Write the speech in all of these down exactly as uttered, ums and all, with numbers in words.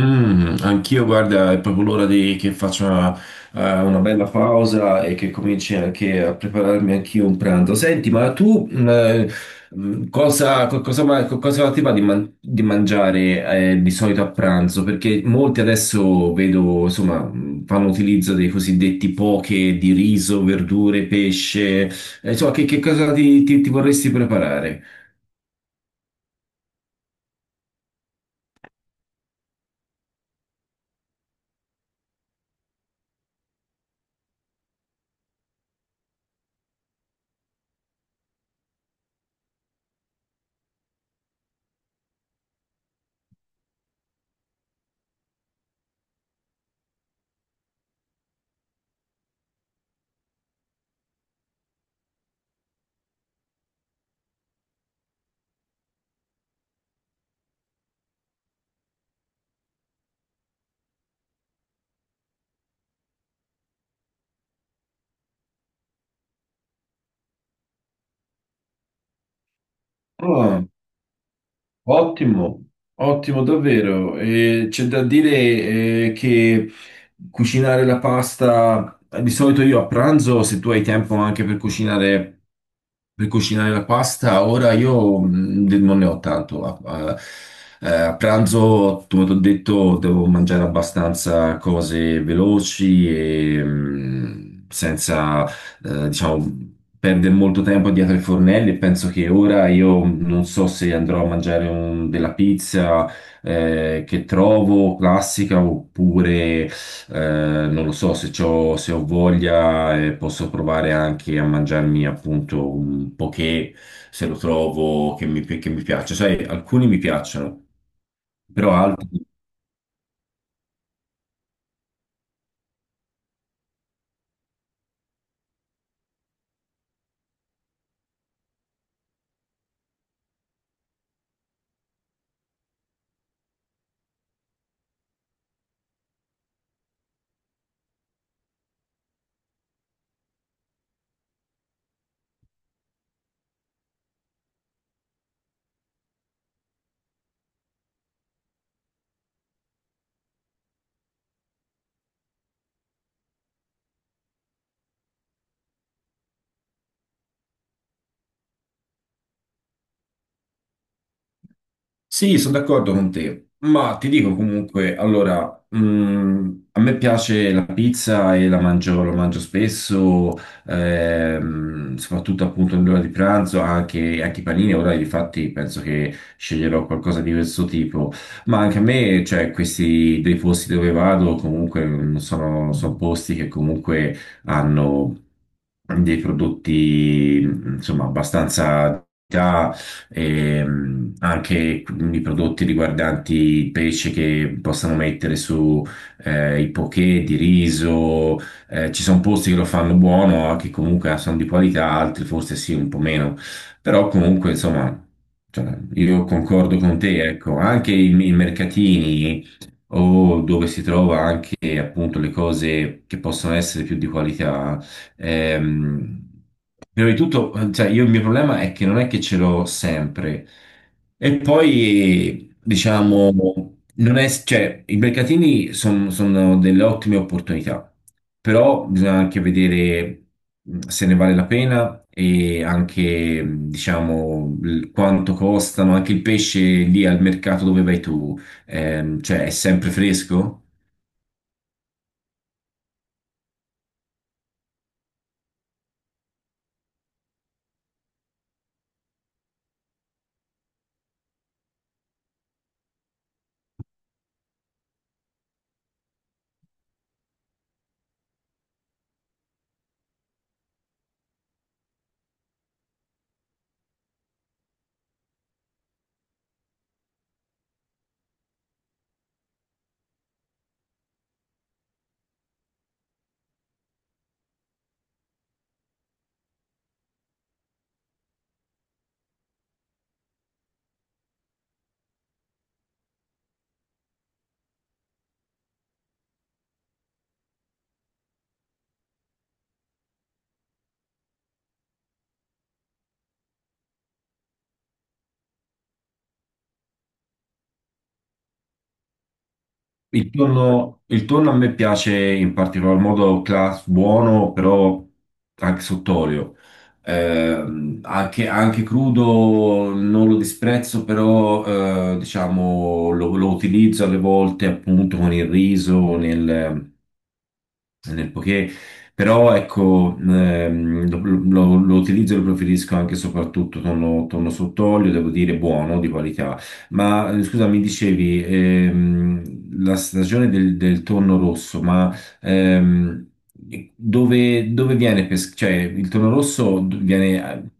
Mm, anch'io, guarda, è proprio l'ora di- che faccia eh, una bella pausa e che cominci anche a prepararmi anch'io un pranzo. Senti, ma tu mm, eh, mm, cosa, co- cosa, ma- co- cosa ti va di, man- di mangiare eh, di solito a pranzo? Perché molti adesso vedo, insomma, mm, fanno utilizzo dei cosiddetti poke di riso, verdure, pesce. Eh, Insomma, che, che cosa ti, ti- ti vorresti preparare? Ottimo, ottimo davvero. Eh, c'è da dire, eh, che cucinare la pasta, eh, di solito io a pranzo, se tu hai tempo anche per cucinare. Per cucinare la pasta, ora io mh, de- non ne ho tanto. A, a- eh, a pranzo, come ti ho detto, devo mangiare abbastanza cose veloci e mh, senza, eh, diciamo, perdere molto tempo dietro ai fornelli. E penso che ora io non so se andrò a mangiare un- della pizza, eh, che trovo classica oppure. Eh, non lo so se c'ho- se ho voglia e posso provare anche a mangiarmi appunto un poké se lo trovo che mi, pi- che mi piace. Sai, alcuni mi piacciono, però altri. Sì, sono d'accordo con te, ma ti dico comunque, allora, mh, a me piace la pizza e la mangio, la mangio spesso, ehm, soprattutto appunto nell'ora di pranzo, anche, anche i panini, ora infatti penso che sceglierò qualcosa di questo tipo, ma anche a me, cioè, questi dei posti dove vado, comunque mh, sono, sono posti che comunque hanno dei prodotti, mh, insomma, abbastanza di qualità, e, mh, anche i prodotti riguardanti il pesce che possono mettere su eh, i poké di riso, eh, ci sono posti che lo fanno buono, che comunque sono di qualità, altri forse sì, un po' meno, però comunque insomma, cioè, io concordo con te, ecco, anche i, i mercatini o dove si trova anche appunto le cose che possono essere più di qualità. Ehm, Prima di tutto, eh, cioè, io il mio problema è che non è che ce l'ho sempre. E poi, diciamo, non è, cioè, i mercatini son- sono delle ottime opportunità, però bisogna anche vedere mh, se ne vale la pena e anche, mh, diciamo, il- quanto costano. Anche il pesce lì al mercato dove vai tu, ehm, cioè, è sempre fresco? Il tonno, il tonno a me piace in particolar modo class buono, però anche sott'olio. Ehm, anche, anche crudo non lo disprezzo, però eh, diciamo, lo, lo utilizzo alle volte appunto con il riso, nel, nel poké, però ecco, ehm, lo, lo- lo utilizzo e lo preferisco anche e soprattutto tonno, tonno sott'olio, devo dire buono, di qualità. Ma eh, scusa, mi dicevi, ehm, la stagione del, del tonno rosso, ma ehm, dove, dove viene pescato? Cioè, il tonno rosso viene, eh,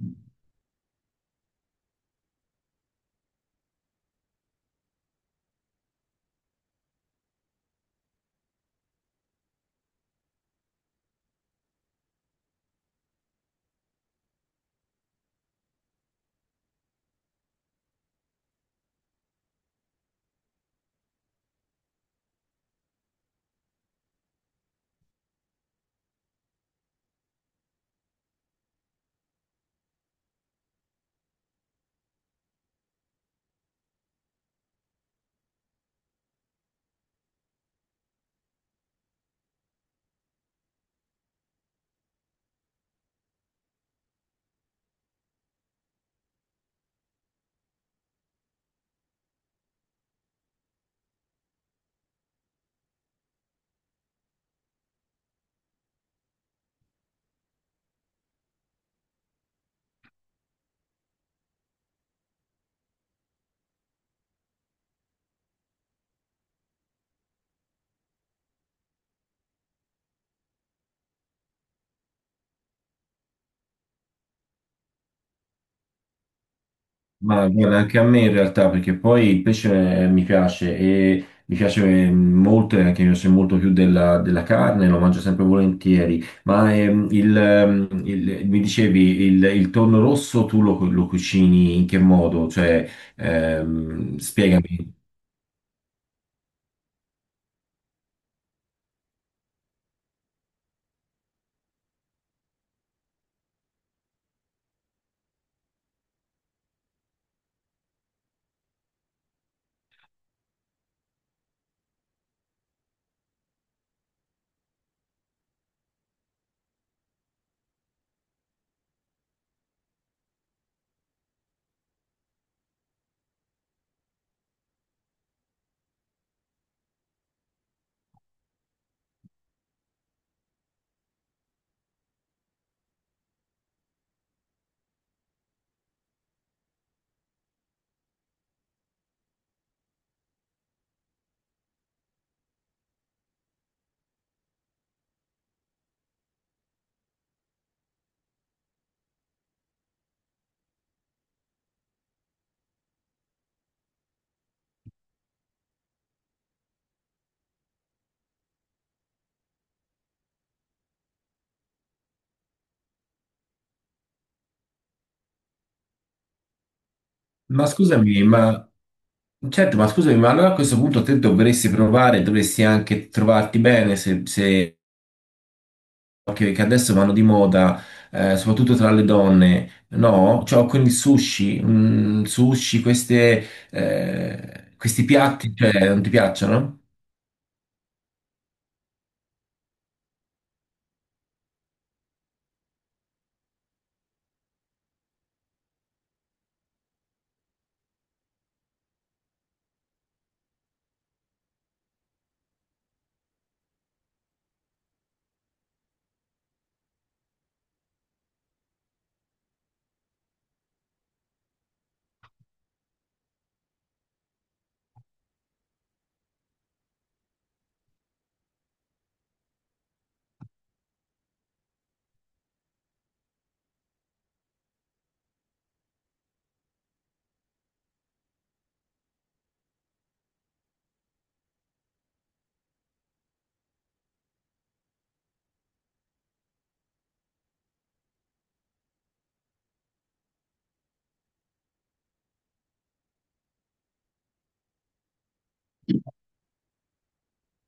ma guarda, anche a me in realtà, perché poi il pesce eh, mi piace e mi piace ehm, molto, e anche mi piace molto più della, della carne, lo mangio sempre volentieri. Ma ehm, il, ehm, il- mi dicevi, il, il tonno rosso tu lo, lo cucini in che modo? Cioè, ehm, spiegami. Ma scusami, ma certo, ma scusami, ma allora a questo punto te dovresti provare, dovresti anche trovarti bene se, se che, che adesso vanno di moda, eh, soprattutto tra le donne, no? Cioè, quindi sushi, mm, sushi, queste, eh, questi piatti, cioè, non ti piacciono?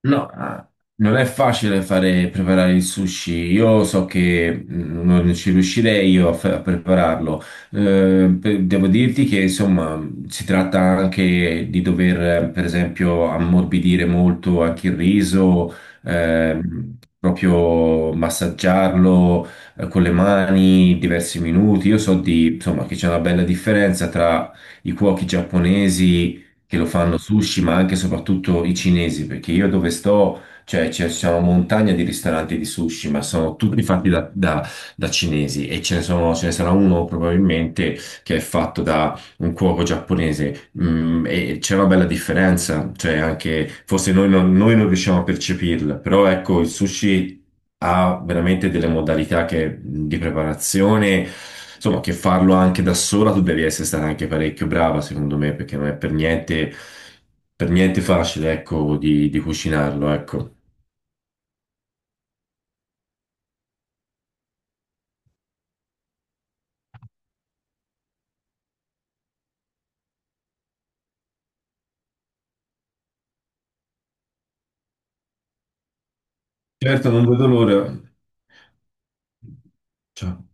No, ah, non è facile fare, preparare il sushi. Io so che mm, non ci riuscirei io a, fa- a prepararlo. Eh, pe- devo dirti che insomma si tratta anche di dover, eh, per esempio, ammorbidire molto anche il riso, ehm, proprio massaggiarlo, eh, con le mani diversi minuti. Io so di, insomma, che c'è una bella differenza tra i cuochi giapponesi che lo fanno sushi, ma anche e soprattutto i cinesi, perché io dove sto, cioè c'è c'è una montagna di ristoranti di sushi, ma sono tutti fatti da, da- da cinesi e ce ne sono, ce ne sarà uno probabilmente che è fatto da un cuoco giapponese mm, e c'è una bella differenza, cioè anche forse noi non, noi non riusciamo a percepirla, però ecco il sushi ha veramente delle modalità che- mm, di preparazione, insomma che farlo anche da sola tu devi essere stata anche parecchio brava secondo me perché non è per niente, per niente facile ecco di, di cucinarlo, ecco. Certo, non vedo l'ora. Ciao.